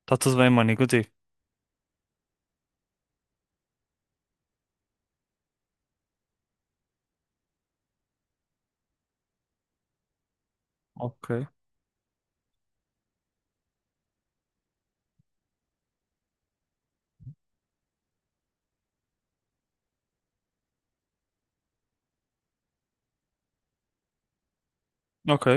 Está tudo bem, mano, e contigo? Ok. Ok.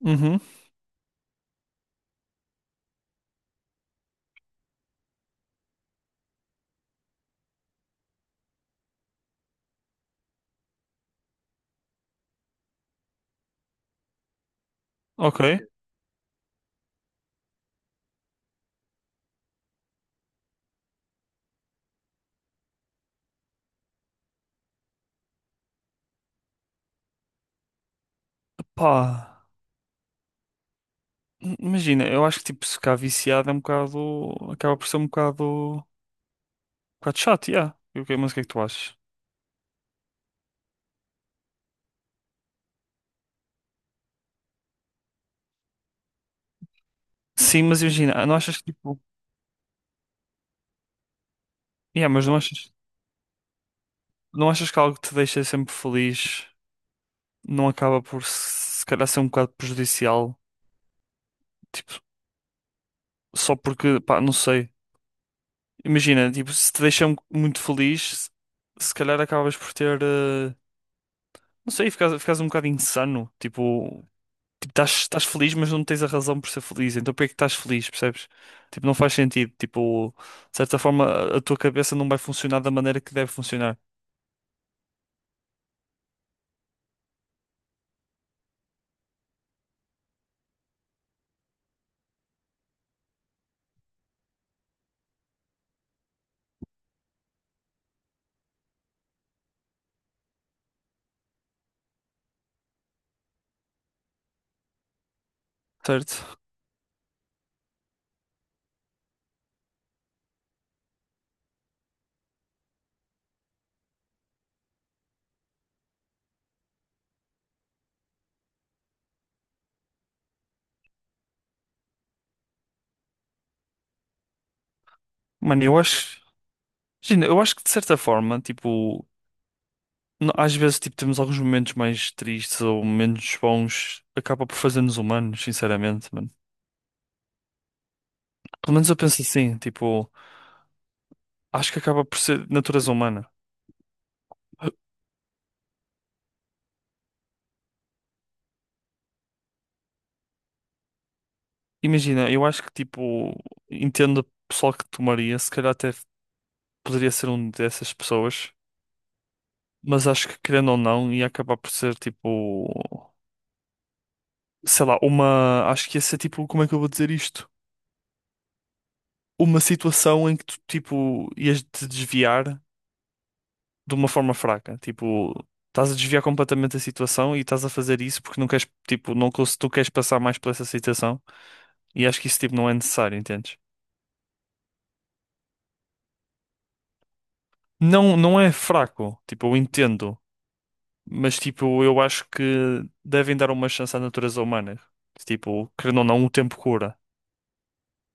Uhum. Ok. Pá, imagina, eu acho que tipo, ficar viciado é um bocado. Acaba por ser um bocado. Um bocado chato, yeah. E o que- Mas o que é que tu achas? Sim, mas imagina, não achas que tipo. Yeah, mas não achas, não achas que algo que te deixa sempre feliz não acaba por se calhar ser um bocado prejudicial? Tipo, só porque, pá, não sei. Imagina, tipo, se te deixa mu- muito feliz, se calhar acabas por ter. Não sei, ficas um bocado insano. Tipo. Tipo, estás feliz, mas não tens a razão por ser feliz. Então, por que é que estás feliz, percebes? Tipo, não faz sentido. Tipo, de certa forma, a tua cabeça não vai funcionar da maneira que deve funcionar, certo? Mano, eu acho. Imagina, eu acho que de certa forma, tipo, no- às vezes, tipo, temos alguns momentos mais tristes ou menos bons, acaba por fazer-nos humanos, sinceramente, mano. Pelo menos eu penso assim, tipo, acho que acaba por ser natureza humana. Imagina, eu acho que, tipo, entendo o pessoal que tomaria, se calhar até poderia ser um dessas pessoas. Mas acho que querendo ou não, ia acabar por ser tipo, sei lá, uma. Acho que ia ser tipo, como é que eu vou dizer isto? Uma situação em que tu, tipo, ias te desviar de uma forma fraca. Tipo, estás a desviar completamente a situação e estás a fazer isso porque não queres, tipo, não, cons- tu queres passar mais por essa situação e acho que isso, tipo, não é necessário, entendes? Não, não é fraco, tipo, eu entendo, mas, tipo, eu acho que devem dar uma chance à natureza humana. Tipo, querendo ou não, o tempo cura,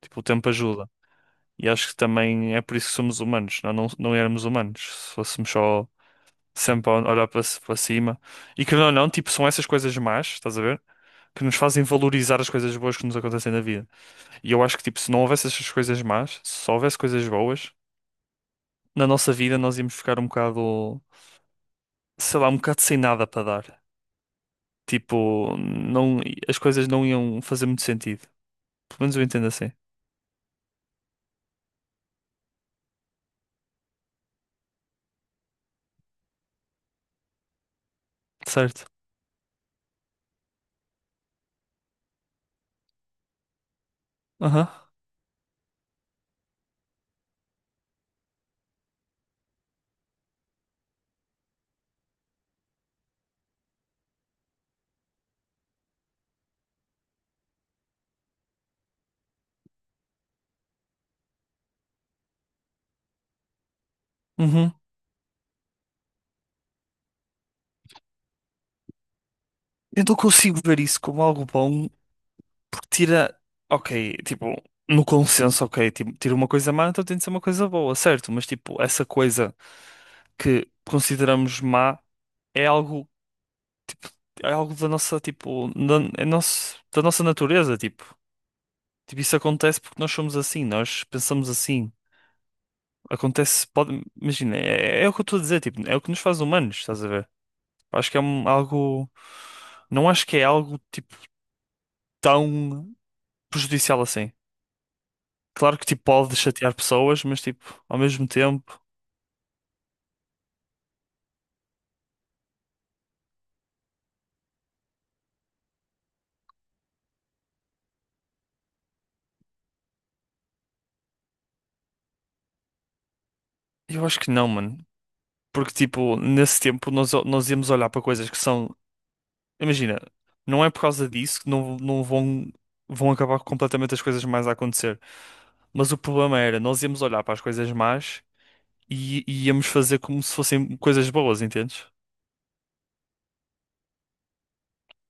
tipo, o tempo ajuda. E acho que também é por isso que somos humanos, não, não, não éramos humanos. Se fôssemos só sempre a olhar para, ci- para cima. E querendo ou não, tipo, são essas coisas más, estás a ver? Que nos fazem valorizar as coisas boas que nos acontecem na vida. E eu acho que, tipo, se não houvesse essas coisas más, se só houvesse coisas boas, na nossa vida nós íamos ficar um bocado, sei lá, um bocado sem nada para dar. Tipo, não, as coisas não iam fazer muito sentido. Pelo menos eu entendo assim. Certo? Aham. Uhum. Eu não consigo ver isso como algo bom. Tira, ok, tipo, no consenso, ok, tipo, tira uma coisa má, então tem de ser uma coisa boa, certo? Mas tipo, essa coisa que consideramos má é algo, é algo da nossa, tipo, da, é nosso, da nossa natureza, tipo. Tipo, isso acontece porque nós somos assim, nós pensamos assim. Acontece, pode, imagina, é, é o que eu estou a dizer, tipo, é o que nos faz humanos, estás a ver? Acho que é um- algo, não acho que é algo, tipo, tão prejudicial assim. Claro que, tipo, pode chatear pessoas, mas, tipo, ao mesmo tempo. Eu acho que não, mano. Porque, tipo, nesse tempo nós íamos olhar para coisas que são. Imagina, não é por causa disso que não, não vão, vão acabar completamente as coisas mais a acontecer. Mas o problema era, nós íamos olhar para as coisas más e íamos fazer como se fossem coisas boas, entendes?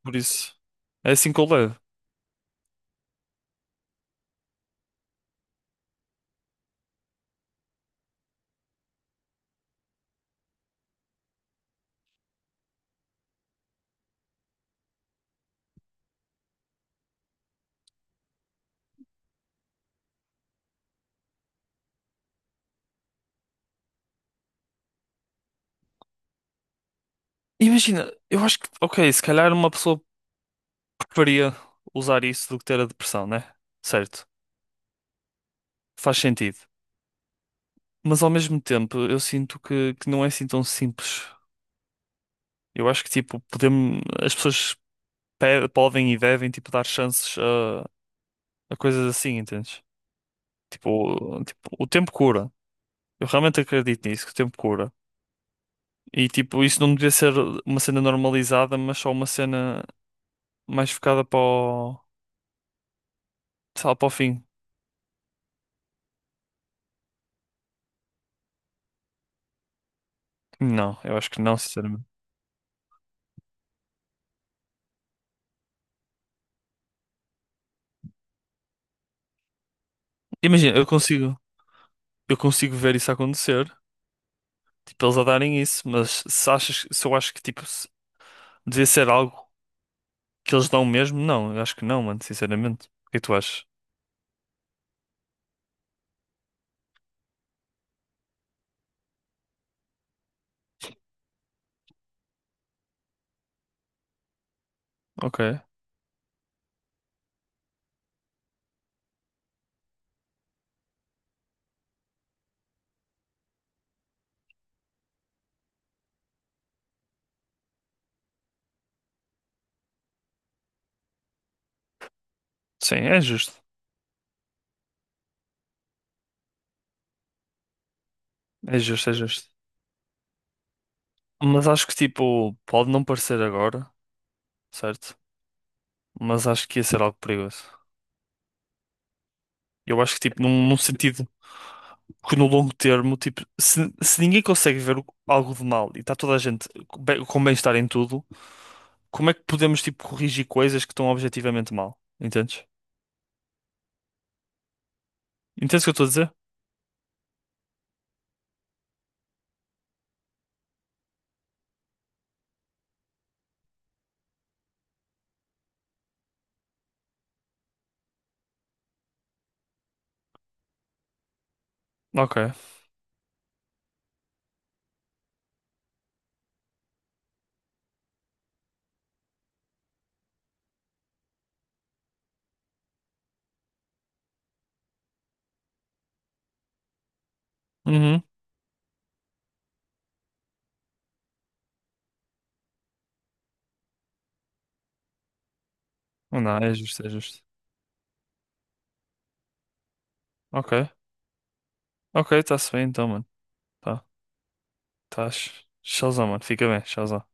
Por isso, é assim que eu levo. Imagina, eu acho que, ok, se calhar uma pessoa preferia usar isso do que ter a depressão, né? Certo. Faz sentido. Mas ao mesmo tempo, eu sinto que não é assim tão simples. Eu acho que, tipo, podemos, as pessoas pe- podem e devem, tipo, dar chances a coisas assim, entendes? Tipo, o- tipo, o tempo cura. Eu realmente acredito nisso, que o tempo cura. E, tipo, isso não devia ser uma cena normalizada, mas só uma cena mais focada para o, sei lá, para o fim. Não, eu acho que não, sinceramente. Imagina, eu consigo ver isso acontecer, tipo, eles a darem isso, mas se achas, se eu acho que, tipo, se- devia ser algo. Que eles dão mesmo? Não, eu acho que não, mano, sinceramente. O que é que tu achas? Ok. Sim, é justo. É justo, é justo. Mas acho que, tipo, pode não parecer agora, certo? Mas acho que ia ser algo perigoso. Eu acho que, tipo, num, num sentido que no longo termo, tipo, se ninguém consegue ver algo de mal e está toda a gente com bem- com bem-estar em tudo, como é que podemos, tipo, corrigir coisas que estão objetivamente mal? Entendes? Entendes o que eu estou a dizer? Ok. Uhum. Não, é justo, é justo. Ok. Ok, está-se bem então, mano. Tá. Estás? Showzão, mano. Fica bem, showzão.